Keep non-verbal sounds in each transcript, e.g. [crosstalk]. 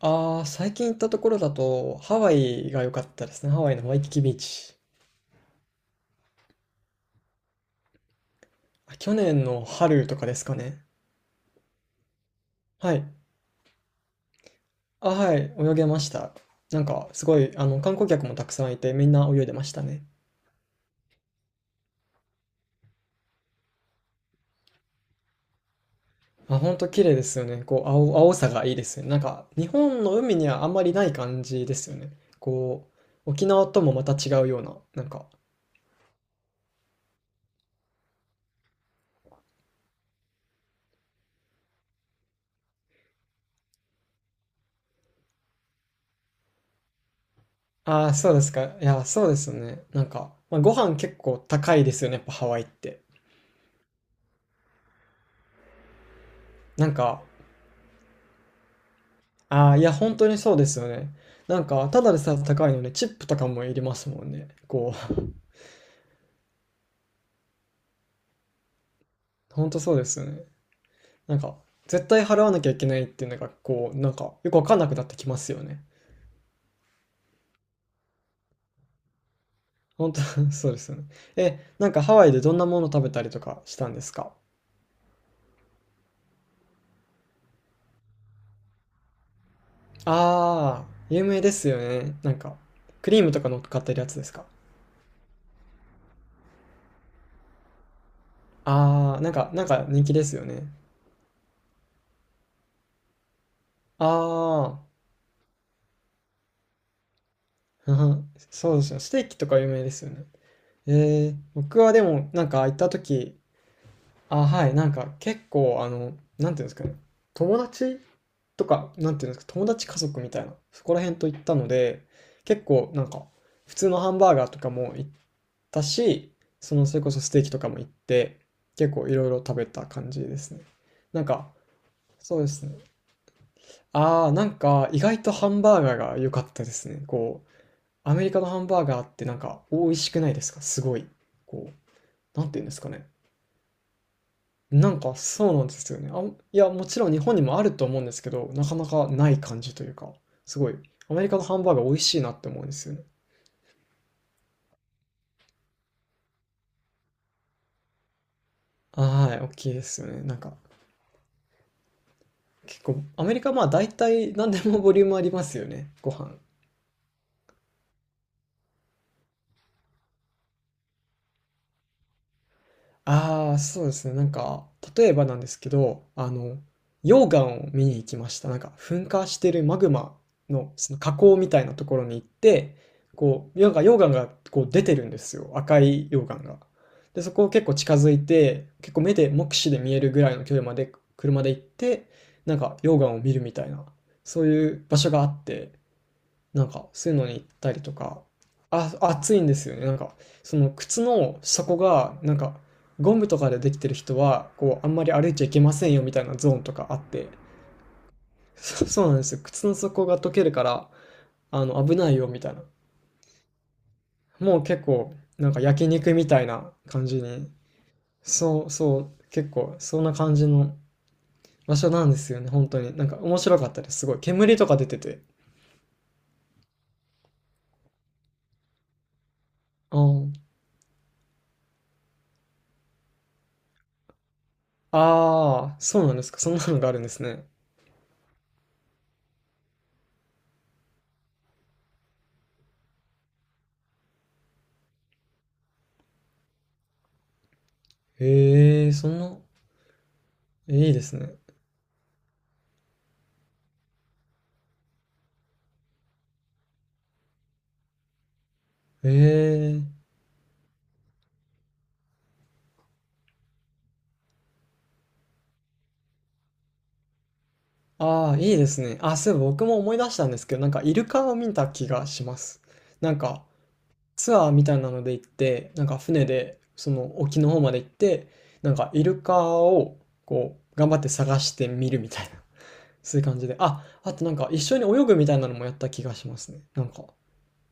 ああ、最近行ったところだと、ハワイが良かったですね。ハワイのワイキキビーチ。あ去年の春とかですかね。はい。あ、はい。泳げました。なんか、すごい、あの、観光客もたくさんいて、みんな泳いでましたね。あ、ほんと綺麗ですよね。こう、青さがいいですよね。なんか、日本の海にはあんまりない感じですよね。こう、沖縄ともまた違うような、なんか。ああ、そうですか。いや、そうですよね。なんか、まあ、ご飯結構高いですよね。やっぱハワイって。なんか、ああ、いや、本当にそうですよね。なんか、ただでさえ高いのに、チップとかもいりますもんね。こう、[laughs] 本当そうですよね。なんか、絶対払わなきゃいけないっていうのが、こう、なんか、よくわかんなくなってきますよね。本当 [laughs] そうですよね。え、なんかハワイでどんなもの食べたりとかしたんですか？ああ、有名ですよね。なんか、クリームとか乗っかってるやつですか？ああ、なんか、なんか人気ですよね。ああ、[laughs] そうですよ。ステーキとか有名ですよね。ええ、僕はでも、なんか行った時、あ、はい、なんか結構あの、なんていうんですかね、友達とか、なんていうんですか、友達家族みたいな、そこら辺と行ったので、結構なんか、普通のハンバーガーとかも行ったし、その、それこそステーキとかも行って、結構いろいろ食べた感じですね。なんか、そうですね。ああ、なんか意外とハンバーガーが良かったですね。こう、アメリカのハンバーガーってなんか美味しくないですか？すごい。こう、なんていうんですかね。なんかそうなんですよね。あ、いや、もちろん日本にもあると思うんですけど、なかなかない感じというか、すごい、アメリカのハンバーガー美味しいなって思うんですよね。はい、大きいですよね。なんか、結構、アメリカまあ大体何でもボリュームありますよね、ご飯。ああ、そうですね。なんか、例えばなんですけど、あの、溶岩を見に行きました。なんか、噴火してるマグマの、その火口みたいなところに行って、こう、なんか溶岩がこう出てるんですよ。赤い溶岩が。で、そこを結構近づいて、結構目で、目視で見えるぐらいの距離まで車で行って、なんか溶岩を見るみたいな、そういう場所があって、なんか、そういうのに行ったりとか、あ、暑いんですよね。なんか、その靴の底が、なんか、ゴムとかでできてる人は、こう、あんまり歩いちゃいけませんよみたいなゾーンとかあって、[laughs] そうなんですよ。靴の底が溶けるから、あの、危ないよみたいな。もう結構、なんか焼肉みたいな感じに、そうそう、結構、そんな感じの場所なんですよね。本当に。なんか面白かったです。すごい。煙とか出てて。あーあー、そうなんですか。そんなのがあるんですね。へえ、そんな、いいですね。へえ。ああ、いいですね。あ、そういえば僕も思い出したんですけど、なんかイルカを見た気がします。なんかツアーみたいなので行って、なんか船でその沖の方まで行って、なんかイルカをこう頑張って探してみるみたいな、そういう感じで。あ、あとなんか一緒に泳ぐみたいなのもやった気がしますね。なんか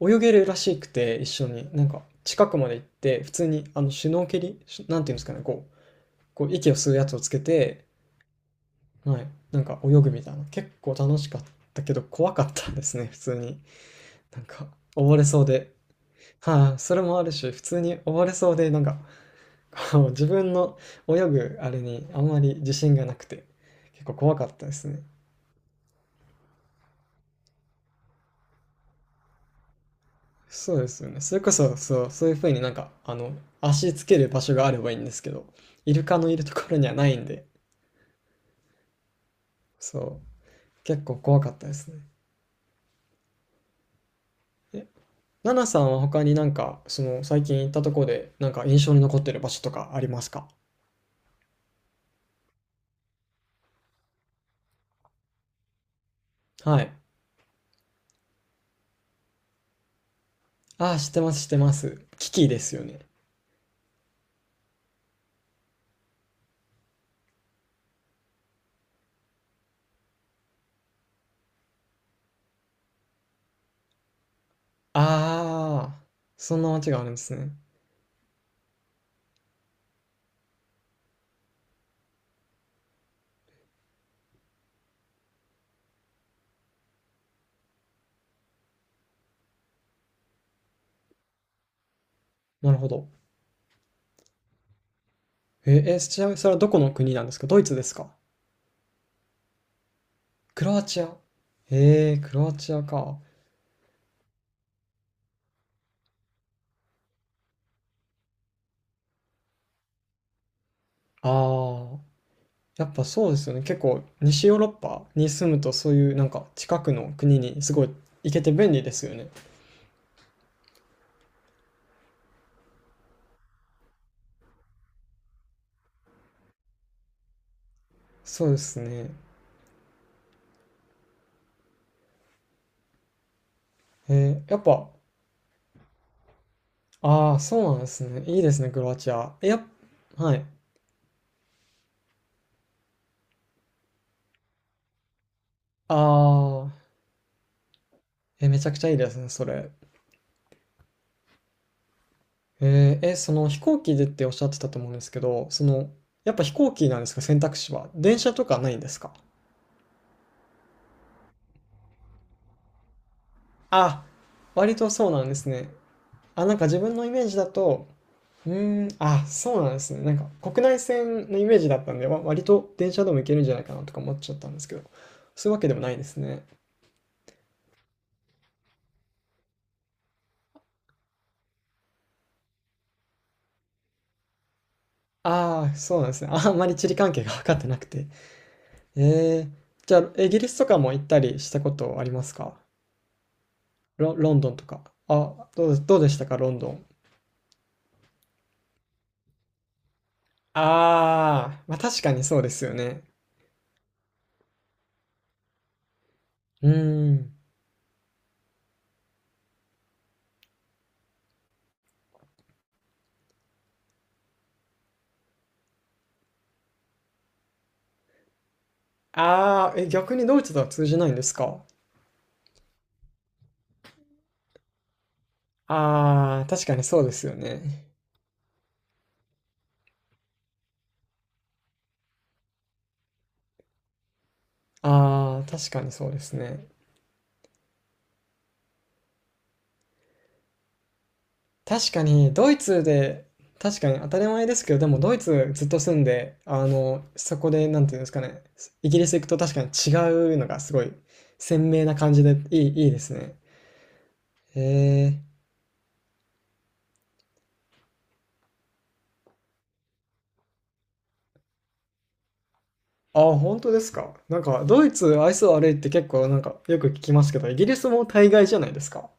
泳げるらしくて一緒に、なんか近くまで行って、普通にあのシュノーケリ、シュなんていうんですかね、こう、こう息を吸うやつをつけて、はい。なんか泳ぐみたいな。結構楽しかったけど怖かったですね、普通に。なんか溺れそうで。はあそれもあるし、普通に溺れそうで、なんか、こう自分の泳ぐあれにあんまり自信がなくて、結構怖かったですね。そうですよね。それこそ、そう、そういう風になんか、あの、足つける場所があればいいんですけど、イルカのいるところにはないんで、そう、結構怖かったですね。え、ナナさんは他になんか、その最近行ったとこで、なんか印象に残ってる場所とかありますか？はい。ああ、知ってます、知ってます。キキですよね。ああ、そんな街があるんですね。なるほど。えー、えちなみにそれはどこの国なんですか？ドイツですか？クロアチア。へえ、クロアチアか。ああ、やっぱそうですよね。結構、西ヨーロッパに住むと、そういうなんか近くの国にすごい行けて便利ですよね。そうですね。えー、やっぱああ、そうなんですね。いいですね、クロアチア。いやはい。ああ、え、めちゃくちゃいいですね、それ。えーえ、その飛行機でっておっしゃってたと思うんですけど、その、やっぱ飛行機なんですか、選択肢は。電車とかないんですか？あ、割とそうなんですね。あ、なんか自分のイメージだと、うーん、あ、そうなんですね。なんか国内線のイメージだったんで、割と電車でも行けるんじゃないかなとか思っちゃったんですけど、そういうわけでもないですね。ああ、そうなんですね。あんまり地理関係が分かってなくて。ええ、じゃあ、イギリスとかも行ったりしたことありますか？ロンドンとか。あ、どうでしたか、ロンドン。ああ、まあ確かにそうですよね。うーん。ああ、え、逆にドイツとは通じないんですか？ああ、確かにそうですよね。ああ、確かにそうですね。確かに、ドイツで、確かに当たり前ですけど、でもドイツずっと住んで、あの、そこで、なんていうんですかね、イギリス行くと確かに違うのがすごい鮮明な感じでいいですね。へえ。あ、本当ですか。なんか、ドイツ、愛想悪いって結構なんか、よく聞きますけど、イギリスも大概じゃないですか。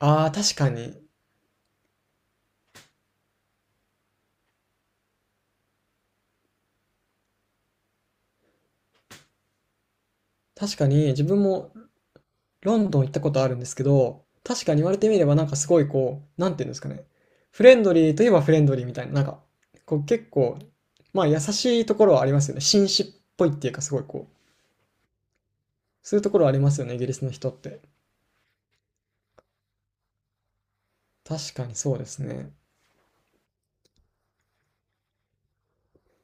ああ、確かに。確かに、自分もロンドン行ったことあるんですけど、確かに言われてみればなんかすごいこう、なんていうんですかね。フレンドリーといえばフレンドリーみたいな、なんか、こう結構、まあ優しいところはありますよね。紳士っぽいっていうか、すごいこう、そういうところはありますよね、イギリスの人って。確かにそうですね。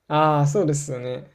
ああ、そうですよね。